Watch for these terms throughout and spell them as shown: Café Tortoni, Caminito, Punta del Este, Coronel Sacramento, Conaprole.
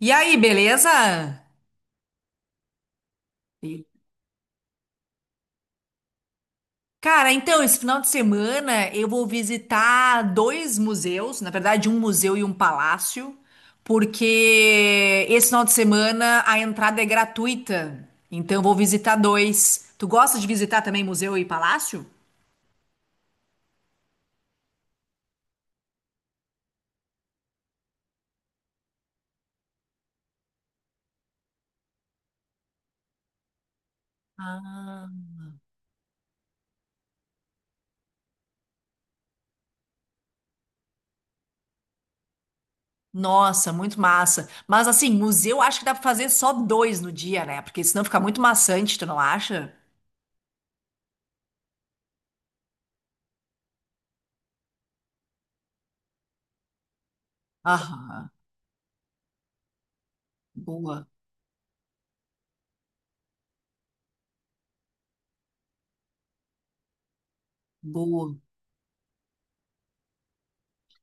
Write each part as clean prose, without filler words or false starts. E aí, beleza? Cara, então, esse final de semana eu vou visitar dois museus, na verdade, um museu e um palácio, porque esse final de semana a entrada é gratuita. Então, eu vou visitar dois. Tu gosta de visitar também museu e palácio? Ah, nossa, muito massa. Mas assim, museu acho que dá pra fazer só dois no dia, né? Porque senão fica muito maçante, tu não acha? Aham, boa, boa.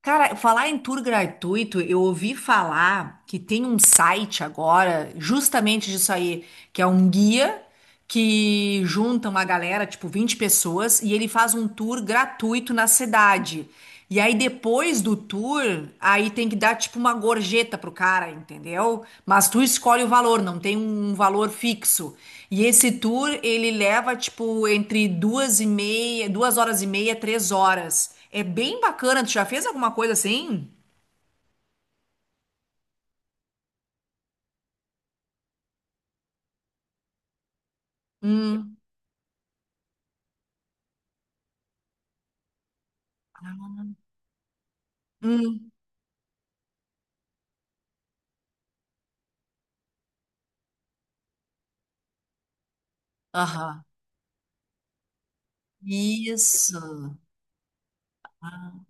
Cara, falar em tour gratuito, eu ouvi falar que tem um site agora, justamente disso aí, que é um guia que junta uma galera, tipo 20 pessoas, e ele faz um tour gratuito na cidade. E aí depois do tour, aí tem que dar tipo uma gorjeta pro cara, entendeu? Mas tu escolhe o valor, não tem um valor fixo. E esse tour, ele leva tipo entre duas e meia, 2 horas e meia, 3 horas. É bem bacana. Tu já fez alguma coisa assim? Hum, hum, aham. Isso. Ah.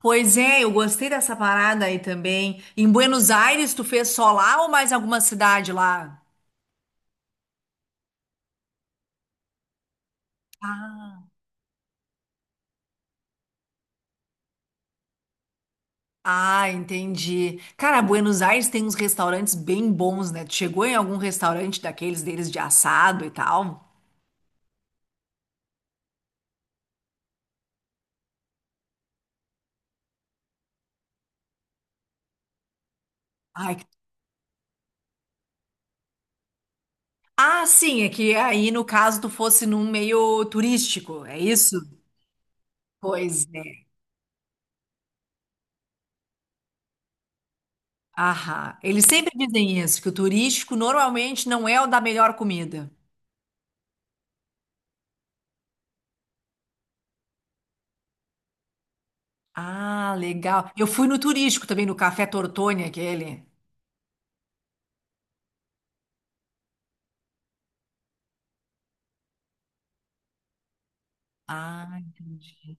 Pois é, eu gostei dessa parada aí também. Em Buenos Aires, tu fez só lá ou mais alguma cidade lá? Ah, ah, entendi. Cara, Buenos Aires tem uns restaurantes bem bons, né? Tu chegou em algum restaurante daqueles deles de assado e tal? Ai, ah, sim, é que aí no caso tu fosse num meio turístico, é isso? Pois é. Ahá. Eles sempre dizem isso, que o turístico normalmente não é o da melhor comida. Ah, legal. Eu fui no turístico também, no Café Tortoni, aquele. Ah, entendi.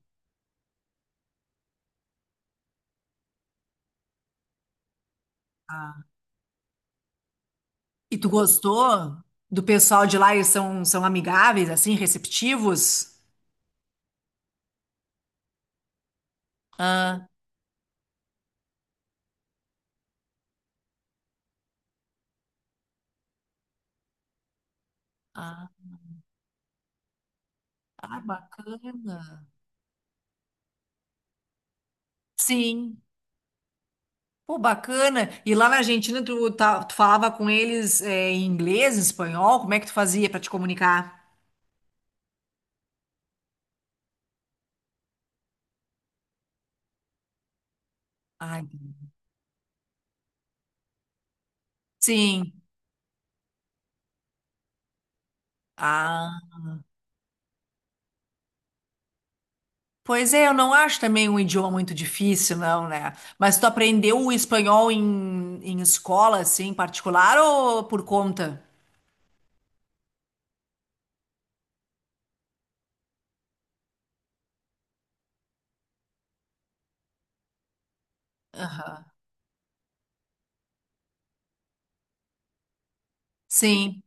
Ah. E tu gostou do pessoal de lá? Eles são amigáveis, assim, receptivos? Ah, ah, ah, bacana. Sim. Pô, bacana. E lá na Argentina, tu falava com eles é, em inglês, em espanhol? Como é que tu fazia para te comunicar? Ah, entendi. Sim. Pois é, eu não acho também um idioma muito difícil, não, né? Mas tu aprendeu o espanhol em escola, assim, particular ou por conta? Aham. Sim.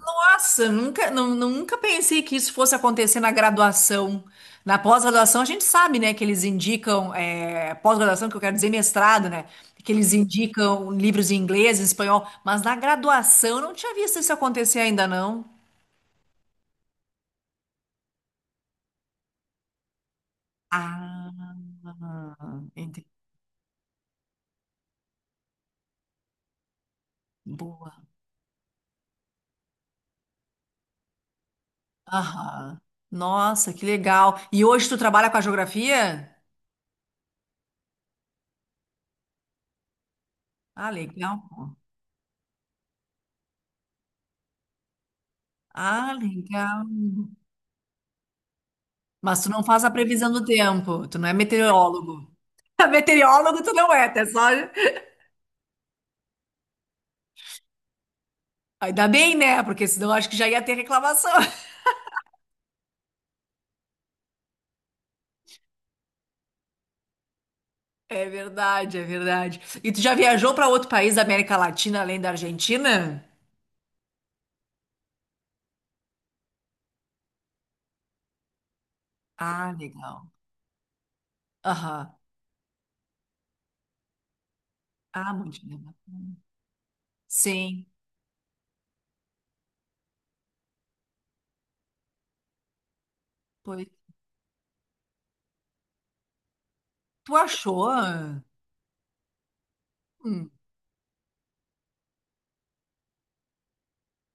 Nossa, nunca pensei que isso fosse acontecer na graduação. Na pós-graduação, a gente sabe, né, que eles indicam, é, pós-graduação, que eu quero dizer mestrado, né, que eles indicam livros em inglês, em espanhol, mas na graduação eu não tinha visto isso acontecer ainda, não. Ah, entendi. Aham. Nossa, que legal. E hoje tu trabalha com a geografia? Ah, legal. Pô. Ah, legal. Mas tu não faz a previsão do tempo, tu não é meteorólogo. Meteorólogo tu não é, tá só. Ainda bem, né? Porque senão eu acho que já ia ter reclamação. É verdade, é verdade. E tu já viajou para outro país da América Latina além da Argentina? Ah, legal. Aham. Ah, muito legal. Sim. Pois. Tu achou? Hum.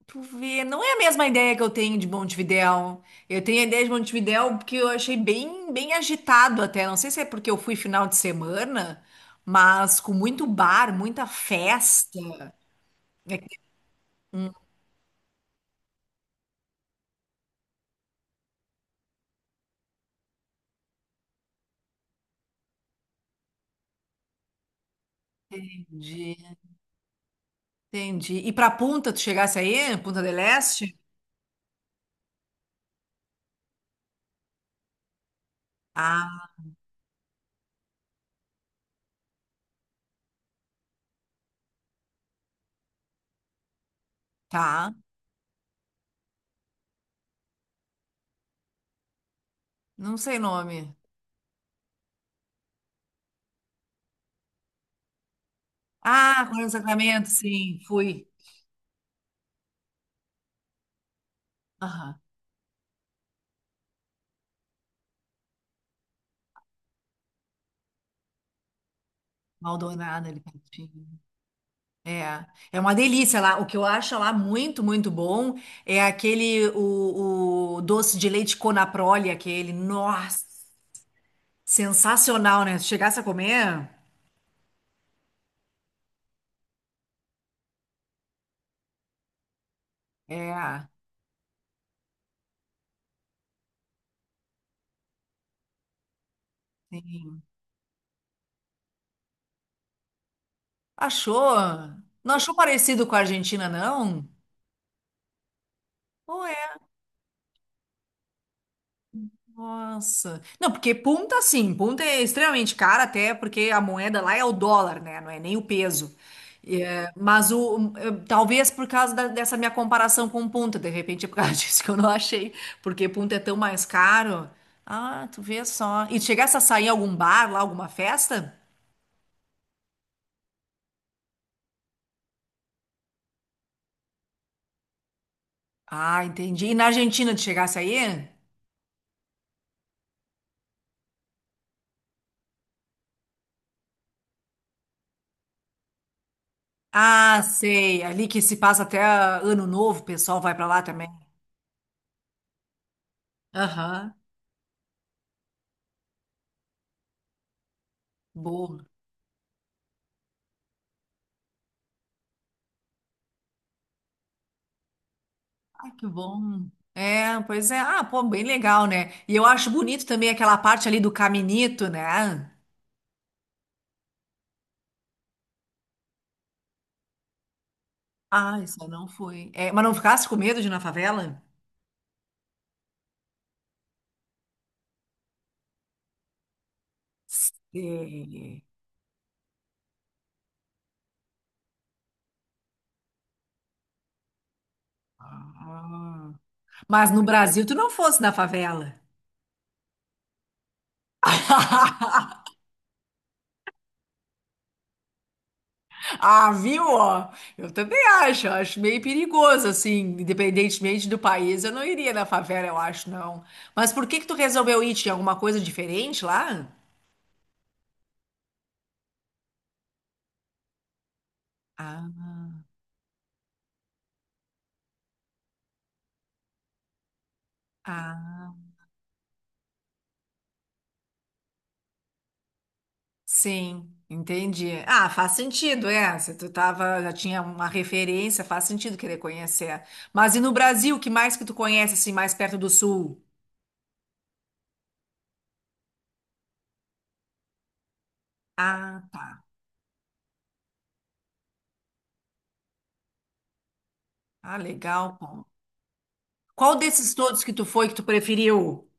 Tu vê, não é a mesma ideia que eu tenho de Montevidéu. Eu tenho a ideia de Montevidéu porque eu achei bem, bem agitado até. Não sei se é porque eu fui final de semana, mas com muito bar, muita festa. Entendi. Entendi. E pra Punta, tu chegasse aí? Punta del Este? Ah, tá. Não sei o nome. Ah, Coronel Sacramento, sim, fui. Aham. Maldonado ali pertinho. É, é uma delícia lá. O que eu acho lá muito, muito bom é aquele, o doce de leite Conaprole, aquele. Nossa, sensacional, né? Se chegasse a comer, é, sim. Achou? Não achou parecido com a Argentina, não? Ou é? Nossa. Não, porque Punta, sim, Punta é extremamente cara, até porque a moeda lá é o dólar, né? Não é nem o peso. É, mas talvez por causa dessa minha comparação com Punta, de repente é por causa disso que eu não achei, porque Punta é tão mais caro. Ah, tu vê só. E tu chegasse a sair em algum bar lá, alguma festa? Ah, entendi. E na Argentina tu chegasse aí? Ah, sei. Ali que se passa até Ano Novo, o pessoal vai pra lá também. Aham. Boa. Que bom. É, pois é. Ah, pô, bem legal, né? E eu acho bonito também aquela parte ali do caminito, né? Ah, isso eu não fui. É, mas não ficasse com medo de ir na favela? Sei. Ah. Mas no Brasil tu não fosse na favela. Ah, viu? Ó? Eu também acho, eu acho meio perigoso, assim, independentemente do país, eu não iria na favela, eu acho, não. Mas por que que tu resolveu ir? Tinha alguma coisa diferente lá? Ah, ah. Sim, entendi. Ah, faz sentido, é. Se tu tava, já tinha uma referência, faz sentido querer conhecer. Mas e no Brasil, o que mais que tu conhece, assim, mais perto do sul? Ah, tá. Ah, legal, bom. Qual desses todos que tu foi que tu preferiu?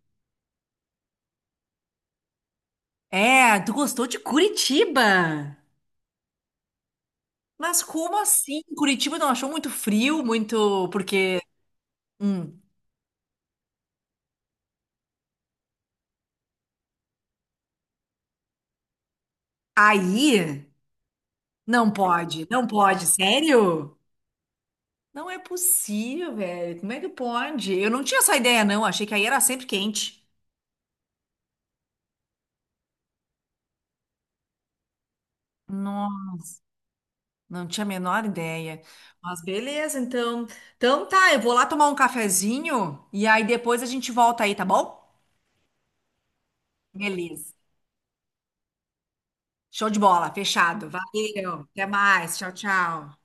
É, tu gostou de Curitiba? Mas como assim? Curitiba não achou muito frio, muito. Porque. Hum, aí? Não pode, não pode, sério? Não é possível, velho. Como é que pode? Eu não tinha essa ideia, não. Achei que aí era sempre quente. Não, não tinha a menor ideia. Mas beleza, então. Então tá, eu vou lá tomar um cafezinho e aí depois a gente volta aí, tá bom? Beleza. Show de bola, fechado. Valeu. Até mais. Tchau, tchau.